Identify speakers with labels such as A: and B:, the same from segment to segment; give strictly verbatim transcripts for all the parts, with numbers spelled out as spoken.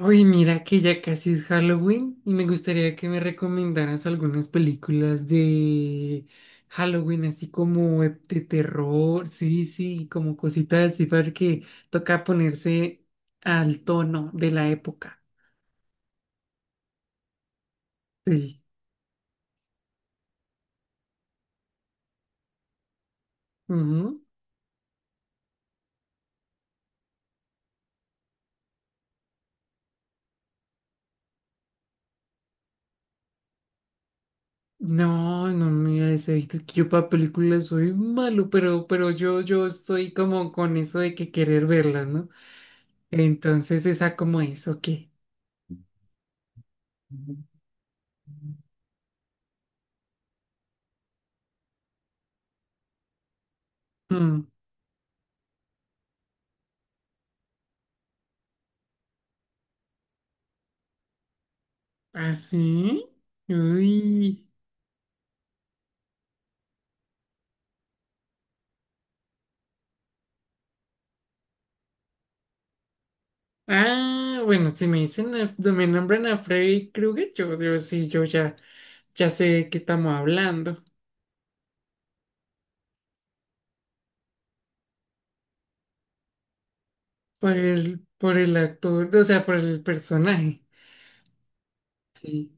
A: Uy, mira que ya casi es Halloween y me gustaría que me recomendaras algunas películas de Halloween, así como eh, de terror, sí, sí, como cositas así, porque toca ponerse al tono de la época. Sí. Ujú. No, no, mira, eso, es que yo para películas soy malo, pero, pero yo, yo estoy como con eso de que querer verlas, ¿no? Entonces, esa como es, ok. Mm. ¿Ah, sí? Uy. Ah, bueno, si me dicen, a- no, me nombran a Freddy Krueger, yo, yo sí, yo ya, ya sé de qué estamos hablando. Por el, por el actor, o sea, por el personaje. Sí.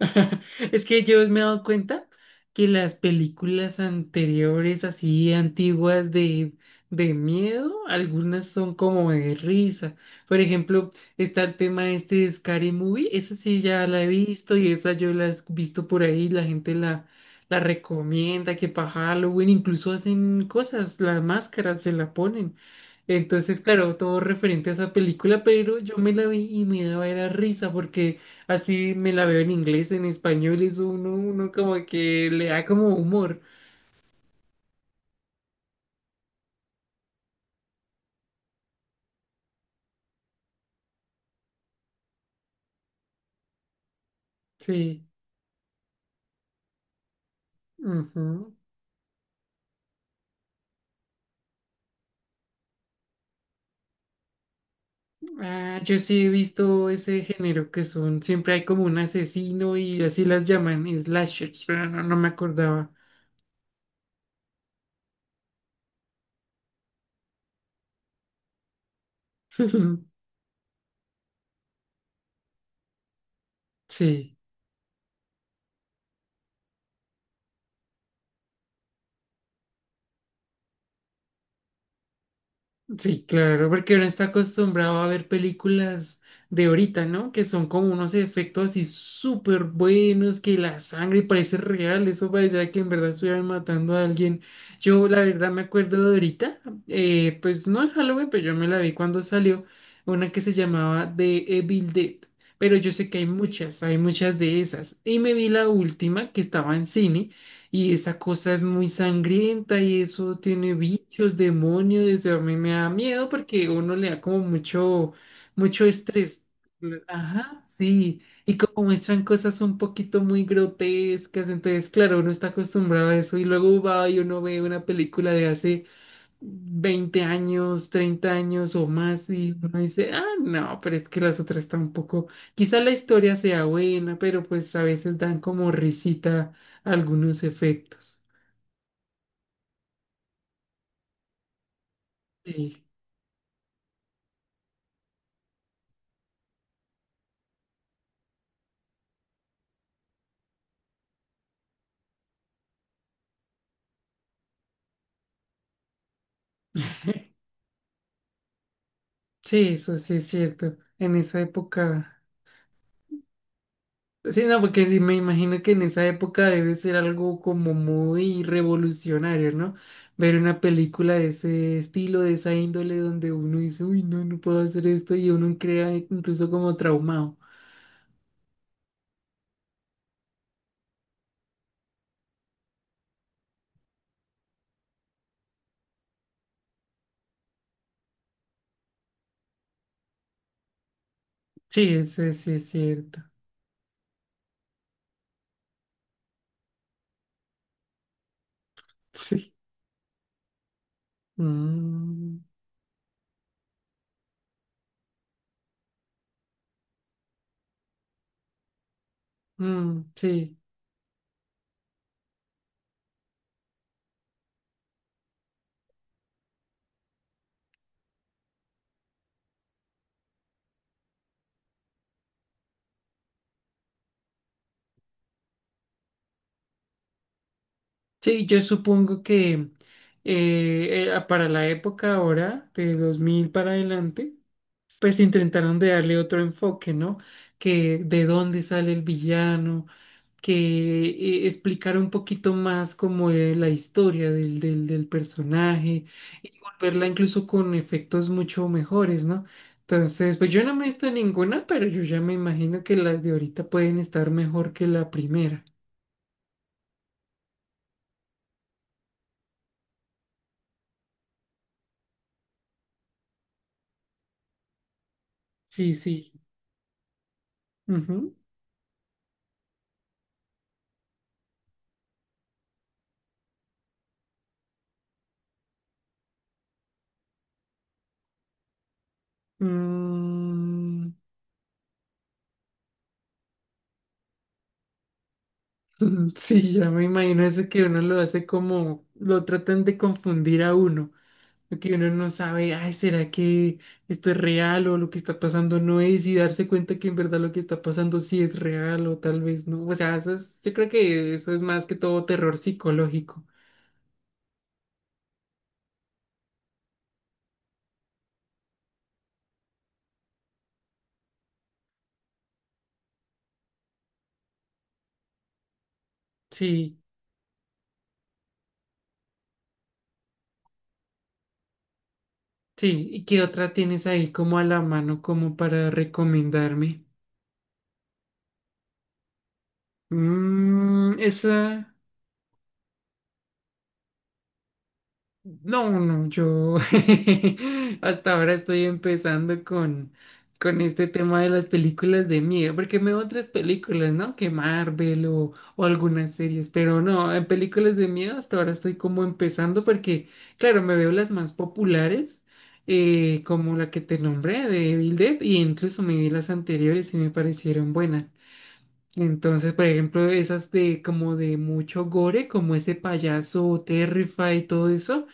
A: Es que yo me he dado cuenta que las películas anteriores, así antiguas de, de miedo, algunas son como de risa. Por ejemplo, está el tema este de Scary Movie, esa sí ya la he visto y esa yo la he visto por ahí, la gente la, la recomienda que para Halloween incluso hacen cosas, las máscaras se la ponen. Entonces, claro, todo referente a esa película, pero yo me la vi y me daba era risa porque así me la veo en inglés, en español, eso uno, uno como que le da como humor. Sí. Ujú. Ah, yo sí he visto ese género que son, siempre hay como un asesino y así las llaman, slashers, pero no, no me acordaba. Sí. Sí, claro, porque uno está acostumbrado a ver películas de ahorita, ¿no? Que son como unos efectos así súper buenos, que la sangre parece real, eso parecía que en verdad estuvieran matando a alguien. Yo la verdad me acuerdo de ahorita, eh, pues no en Halloween, pero yo me la vi cuando salió una que se llamaba The Evil Dead, pero yo sé que hay muchas, hay muchas de esas. Y me vi la última que estaba en cine y esa cosa es muy sangrienta y eso tiene bichos, demonios, eso a mí me da miedo porque uno le da como mucho, mucho estrés. Ajá, sí, y como muestran cosas un poquito muy grotescas, entonces claro, uno está acostumbrado a eso y luego va y uno ve una película de hace veinte años, treinta años o más y uno dice, ah, no, pero es que las otras tampoco, quizá la historia sea buena, pero pues a veces dan como risita algunos efectos. Sí, sí, eso sí es cierto. En esa época, sí, no, porque me imagino que en esa época debe ser algo como muy revolucionario, ¿no? Ver una película de ese estilo, de esa índole, donde uno dice, uy, no, no puedo hacer esto y uno crea incluso como traumado. Sí, eso es, sí es cierto. Sí. Mm, mm, sí. Sí, yo supongo que eh, eh, para la época ahora, de dos mil para adelante, pues intentaron de darle otro enfoque, ¿no? Que de dónde sale el villano, que eh, explicara un poquito más como eh, la historia del, del, del personaje y volverla incluso con efectos mucho mejores, ¿no? Entonces, pues yo no me he visto ninguna, pero yo ya me imagino que las de ahorita pueden estar mejor que la primera. Sí, sí. Ujú. Mm, sí, ya me imagino eso que uno lo hace como, lo tratan de confundir a uno. Porque uno no sabe, ay, ¿será que esto es real o lo que está pasando no es? Y darse cuenta que en verdad lo que está pasando sí es real o tal vez no. O sea, eso es, yo creo que eso es más que todo terror psicológico. Sí, sí. ¿Y qué otra tienes ahí como a la mano como para recomendarme? Mm, esa. No, no, yo hasta ahora estoy empezando con, con este tema de las películas de miedo, porque me veo otras películas, ¿no? Que Marvel o, o algunas series, pero no, en películas de miedo hasta ahora estoy como empezando porque, claro, me veo las más populares, eh, como la que te nombré de Evil Dead, y incluso me vi las anteriores y me parecieron buenas. Entonces, por ejemplo, esas de como de mucho gore, como ese payaso Terrify y todo eso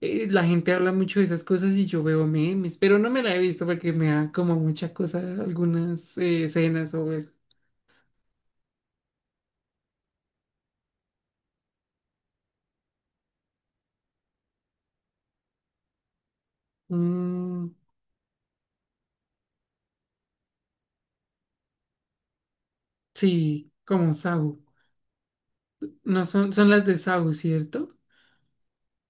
A: eh, la gente habla mucho de esas cosas y yo veo memes, pero no me la he visto porque me da como mucha cosa algunas eh, escenas o eso. Mm, sí, como Saw. No son, son las de Saw, ¿cierto?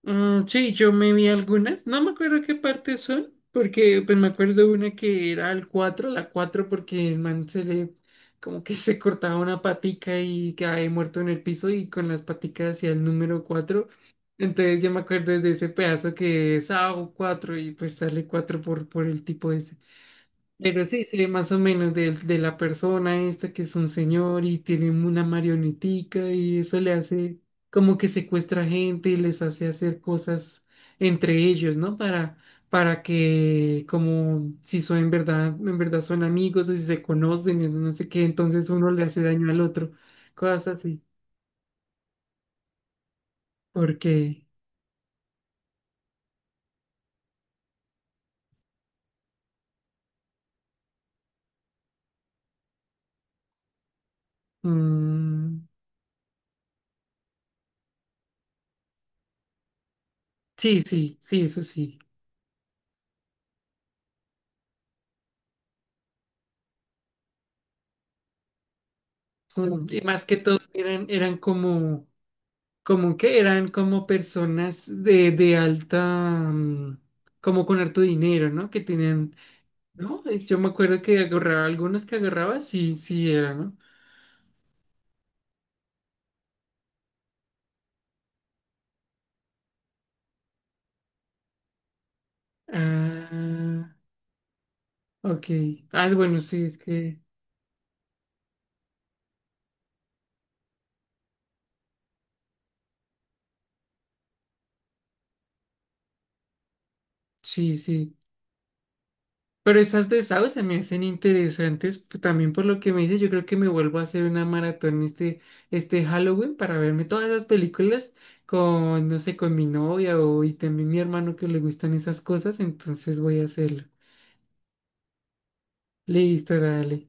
A: Mm, sí, yo me vi algunas, no me acuerdo qué partes son, porque pues me acuerdo una que era el cuatro la cuatro porque el man se le como que se cortaba una patica y cae muerto en el piso y con las paticas hacia el número cuatro. Entonces yo me acuerdo de ese pedazo que es ao cuatro y pues sale cuatro por, por el tipo, pero sí, sé más o menos de, de la persona esta que es un señor y tiene una marionetica y eso le hace como que secuestra gente y les hace hacer cosas entre ellos, ¿no? Para, para que como si son en verdad, en verdad son amigos o si se conocen, y no sé qué, entonces uno le hace daño al otro, cosas así. Porque mm, sí, sí, sí, eso sí. Mm, y más que todo eran, eran como como que eran como personas de, de alta, mm, como con harto dinero, ¿no? Que tenían, ¿no? Eh, yo me acuerdo que agarraba, algunos que agarraba, sí, sí era, ¿no? Ah, ok. Ah, bueno, sí, es que, sí, sí. Pero esas de Sao se me hacen interesantes, p- también por lo que me dices, yo creo que me vuelvo a hacer una maratón este, este Halloween para verme todas esas películas con, no sé, con mi novia o y también mi hermano que le gustan esas cosas, entonces voy a hacerlo. Listo, dale.